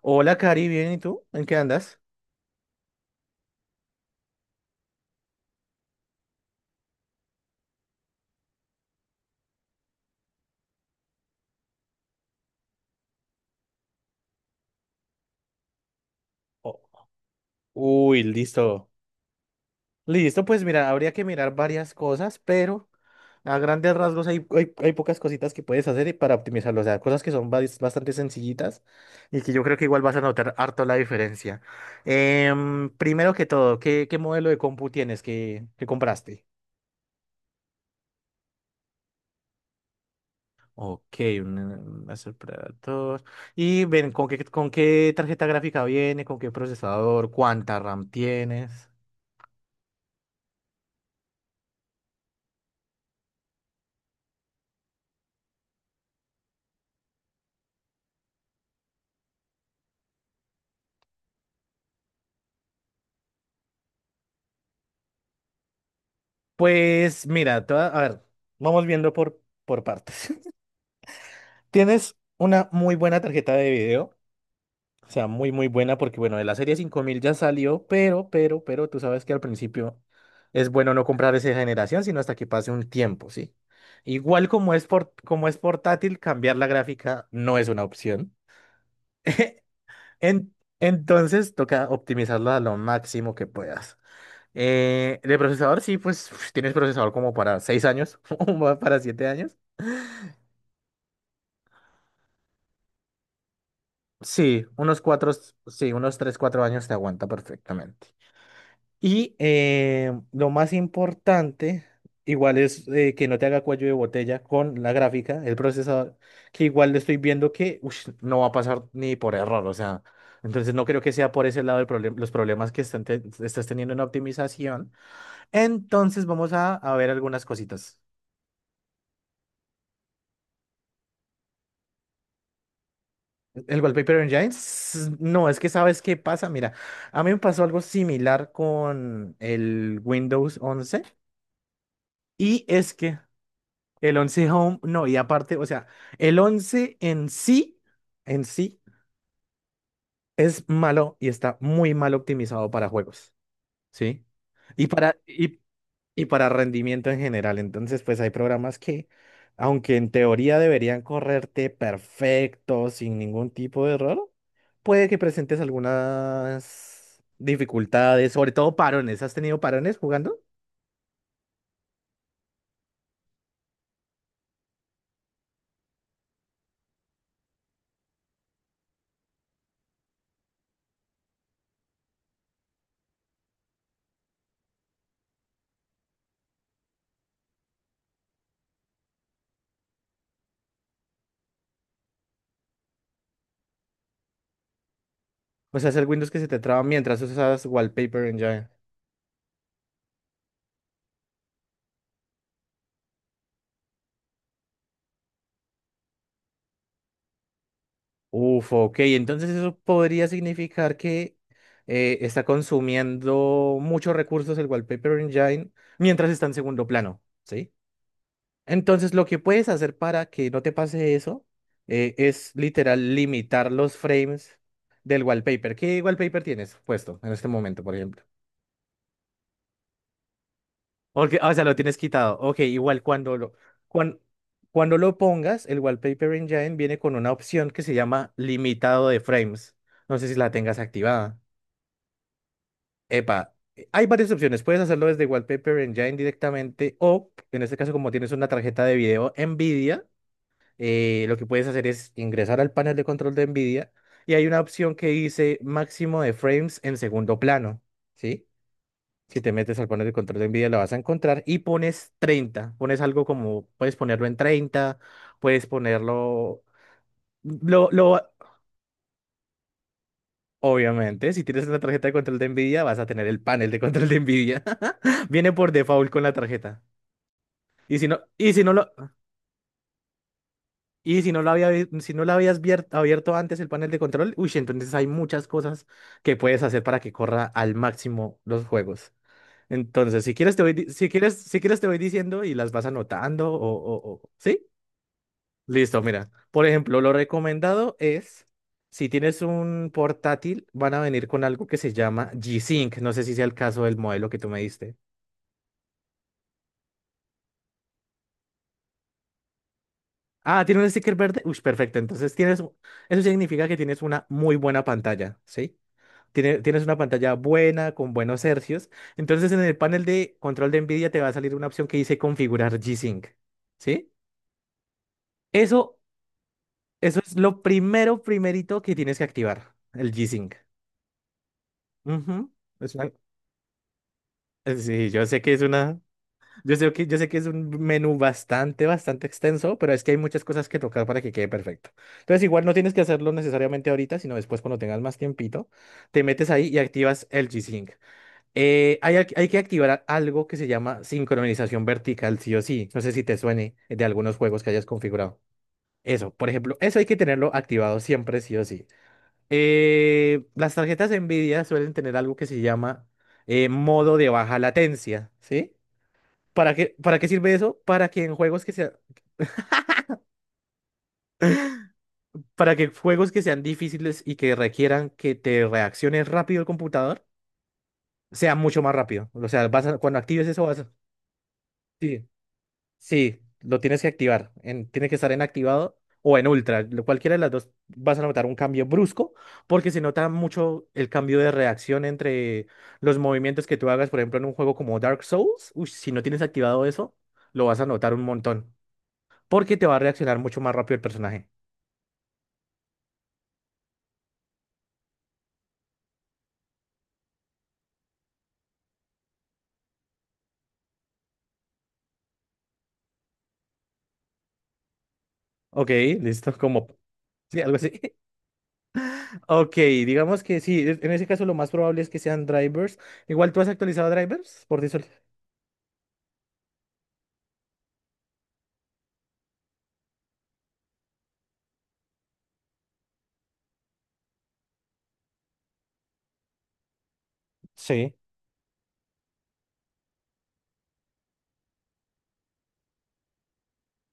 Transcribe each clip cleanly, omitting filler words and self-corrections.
Hola, Cari, bien, ¿y tú? ¿En qué andas? Oh, uy, listo. Listo, pues mira, habría que mirar varias cosas, pero a grandes rasgos hay, pocas cositas que puedes hacer y para optimizarlo, o sea, cosas que son bastante sencillitas y que yo creo que igual vas a notar harto la diferencia. Primero que todo, ¿qué modelo de compu tienes que compraste? Ok, un Acer Predator. Y ven, ¿con qué tarjeta gráfica viene? ¿Con qué procesador? ¿Cuánta RAM tienes? Pues mira, te voy a ver, vamos viendo por partes. Tienes una muy buena tarjeta de video, o sea, muy, muy buena, porque bueno, de la serie 5000 ya salió, pero tú sabes que al principio es bueno no comprar esa generación, sino hasta que pase un tiempo, ¿sí? Igual como es, como es portátil, cambiar la gráfica no es una opción. En- entonces toca optimizarla a lo máximo que puedas. De procesador, sí, pues tienes procesador como para 6 años o para 7 años. Sí, unos cuatro, sí, unos 3, 4 años te aguanta perfectamente. Y lo más importante, igual es que no te haga cuello de botella con la gráfica, el procesador, que igual le estoy viendo que ush, no va a pasar ni por error, o sea, entonces no creo que sea por ese lado el problema, los problemas que están estás teniendo en optimización. Entonces vamos a ver algunas cositas. El Wallpaper en no, es que sabes qué pasa. Mira, a mí me pasó algo similar con el Windows 11 y es que el 11 Home, no, y aparte, o sea, el 11 en sí, es malo y está muy mal optimizado para juegos, ¿sí? Y para, y y para rendimiento en general. Entonces, pues hay programas que, aunque en teoría deberían correrte perfecto, sin ningún tipo de error, puede que presentes algunas dificultades, sobre todo parones. ¿Has tenido parones jugando? O sea, es el Windows que se te traba mientras usas wallpaper en Java. Uf, ok. Entonces eso podría significar que está consumiendo muchos recursos el Wallpaper Engine mientras está en segundo plano, ¿sí? Entonces, lo que puedes hacer para que no te pase eso es literal limitar los frames del wallpaper. ¿Qué wallpaper tienes puesto en este momento, por ejemplo? Porque, ah, o sea, lo tienes quitado. Ok, igual cuan- cuando lo pongas, el Wallpaper Engine viene con una opción que se llama limitado de frames. No sé si la tengas activada. Epa, hay varias opciones. Puedes hacerlo desde Wallpaper Engine directamente o, en este caso, como tienes una tarjeta de video NVIDIA, lo que puedes hacer es ingresar al panel de control de NVIDIA y hay una opción que dice máximo de frames en segundo plano, ¿sí? Si te metes al panel de control de NVIDIA lo vas a encontrar y pones 30, pones algo como, puedes ponerlo en 30, puedes ponerlo, lo, lo, obviamente, si tienes una tarjeta de control de NVIDIA vas a tener el panel de control de NVIDIA, viene por default con la tarjeta. Y si no, y si no lo, si no lo habías abierto antes el panel de control, uy, entonces hay muchas cosas que puedes hacer para que corra al máximo los juegos. Entonces, si quieres te voy, di- si quieres, si quieres te voy diciendo y las vas anotando, ¿sí? Listo, mira. Por ejemplo, lo recomendado es, si tienes un portátil, van a venir con algo que se llama G-Sync. No sé si sea el caso del modelo que tú me diste. Ah, tiene un sticker verde. Uy, perfecto. Entonces eso significa que tienes una muy buena pantalla, ¿sí? Tienes una pantalla buena, con buenos hercios. Entonces, en el panel de control de NVIDIA te va a salir una opción que dice configurar G-Sync, ¿sí? Eso, eso es lo primero, primerito que tienes que activar, el G-Sync. Ujú. Es una- Sí, yo sé que es un menú bastante, bastante extenso, pero es que hay muchas cosas que tocar para que quede perfecto. Entonces, igual no tienes que hacerlo necesariamente ahorita, sino después cuando tengas más tiempito, te metes ahí y activas el G-Sync. Hay que activar algo que se llama sincronización vertical, sí o sí. No sé si te suene de algunos juegos que hayas configurado. Eso, por ejemplo, eso hay que tenerlo activado siempre, sí o sí. Las tarjetas Nvidia suelen tener algo que se llama modo de baja latencia, ¿sí? ¿Para qué sirve eso? Para que juegos que sean difíciles y que requieran que te reacciones rápido el computador, sea mucho más rápido. O sea, cuando actives eso vas a. Sí, sí, lo tienes que activar. Tiene que estar en activado o en ultra. Cualquiera de las dos vas a notar un cambio brusco porque se nota mucho el cambio de reacción entre los movimientos que tú hagas, por ejemplo, en un juego como Dark Souls. Uy, si no tienes activado eso, lo vas a notar un montón porque te va a reaccionar mucho más rápido el personaje. Ok, listo, como. Sí, algo así. Ok, digamos que sí, en ese caso lo más probable es que sean drivers. Igual tú has actualizado drivers, por decirlo. Sí.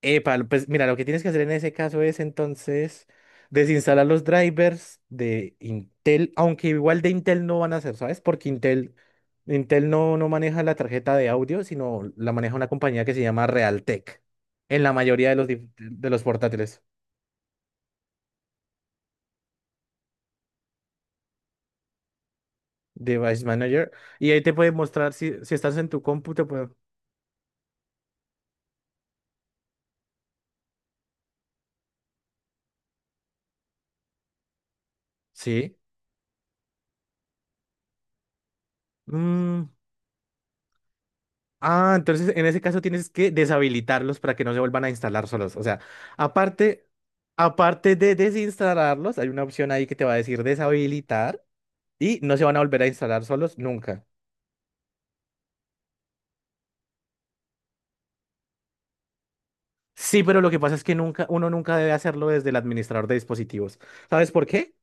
Epa, pues mira, lo que tienes que hacer en ese caso es entonces desinstalar los drivers de Intel, aunque igual de Intel no van a ser, ¿sabes? Porque Intel no maneja la tarjeta de audio, sino la maneja una compañía que se llama Realtek, en la mayoría de los portátiles. Device Manager. Y ahí te puede mostrar si, estás en tu compu, te puede. Sí. Mm. Ah, entonces en ese caso tienes que deshabilitarlos para que no se vuelvan a instalar solos. O sea, aparte, aparte de desinstalarlos, hay una opción ahí que te va a decir deshabilitar y no se van a volver a instalar solos nunca. Sí, pero lo que pasa es que nunca, uno nunca debe hacerlo desde el administrador de dispositivos. ¿Sabes por qué?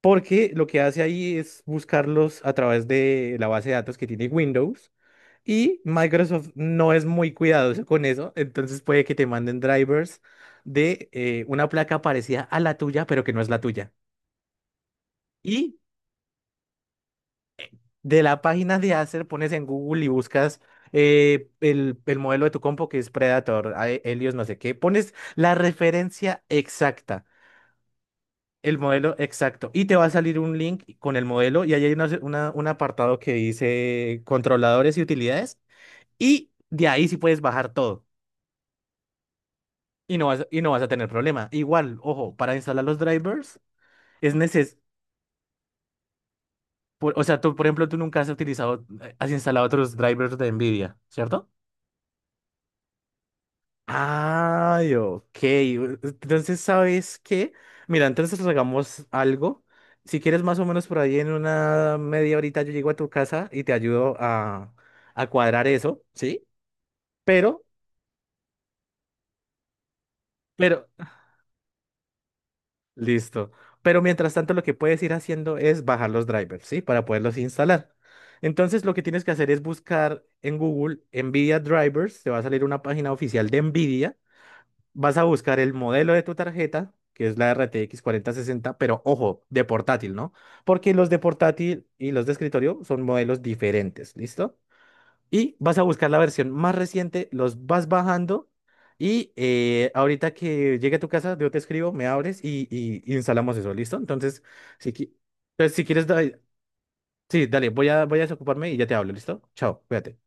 Porque lo que hace ahí es buscarlos a través de la base de datos que tiene Windows. Y Microsoft no es muy cuidadoso con eso, entonces puede que te manden drivers de una placa parecida a la tuya, pero que no es la tuya. Y de la página de Acer pones en Google y buscas el modelo de tu compo que es Predator, Helios, no sé qué. Pones la referencia exacta, el modelo exacto, y te va a salir un link con el modelo y ahí hay un apartado que dice controladores y utilidades. Y de ahí sí puedes bajar todo. Y no vas a tener problema. Igual, ojo, para instalar los drivers es necesario, o sea, tú, por ejemplo, tú nunca has instalado otros drivers de NVIDIA, ¿cierto? Ay, ok. Entonces, ¿sabes qué? Mira, entonces hagamos algo. Si quieres, más o menos por ahí en una media horita yo llego a tu casa y te ayudo a cuadrar eso, ¿sí? Pero, pero, Listo. Pero mientras tanto, lo que puedes ir haciendo es bajar los drivers, ¿sí? Para poderlos instalar. Entonces, lo que tienes que hacer es buscar en Google NVIDIA Drivers. Te va a salir una página oficial de NVIDIA. Vas a buscar el modelo de tu tarjeta, que es la RTX 60, pero ojo, de portátil, ¿no? Porque los de portátil y los de escritorio son modelos diferentes, ¿listo? Y vas a buscar la versión más reciente, los vas bajando y ahorita que llegue a tu casa, yo te escribo, me abres y instalamos eso, ¿listo? Entonces, si, qui- entonces, si quieres, da- sí, dale, voy a desocuparme y ya te hablo, ¿listo? Chao, cuídate.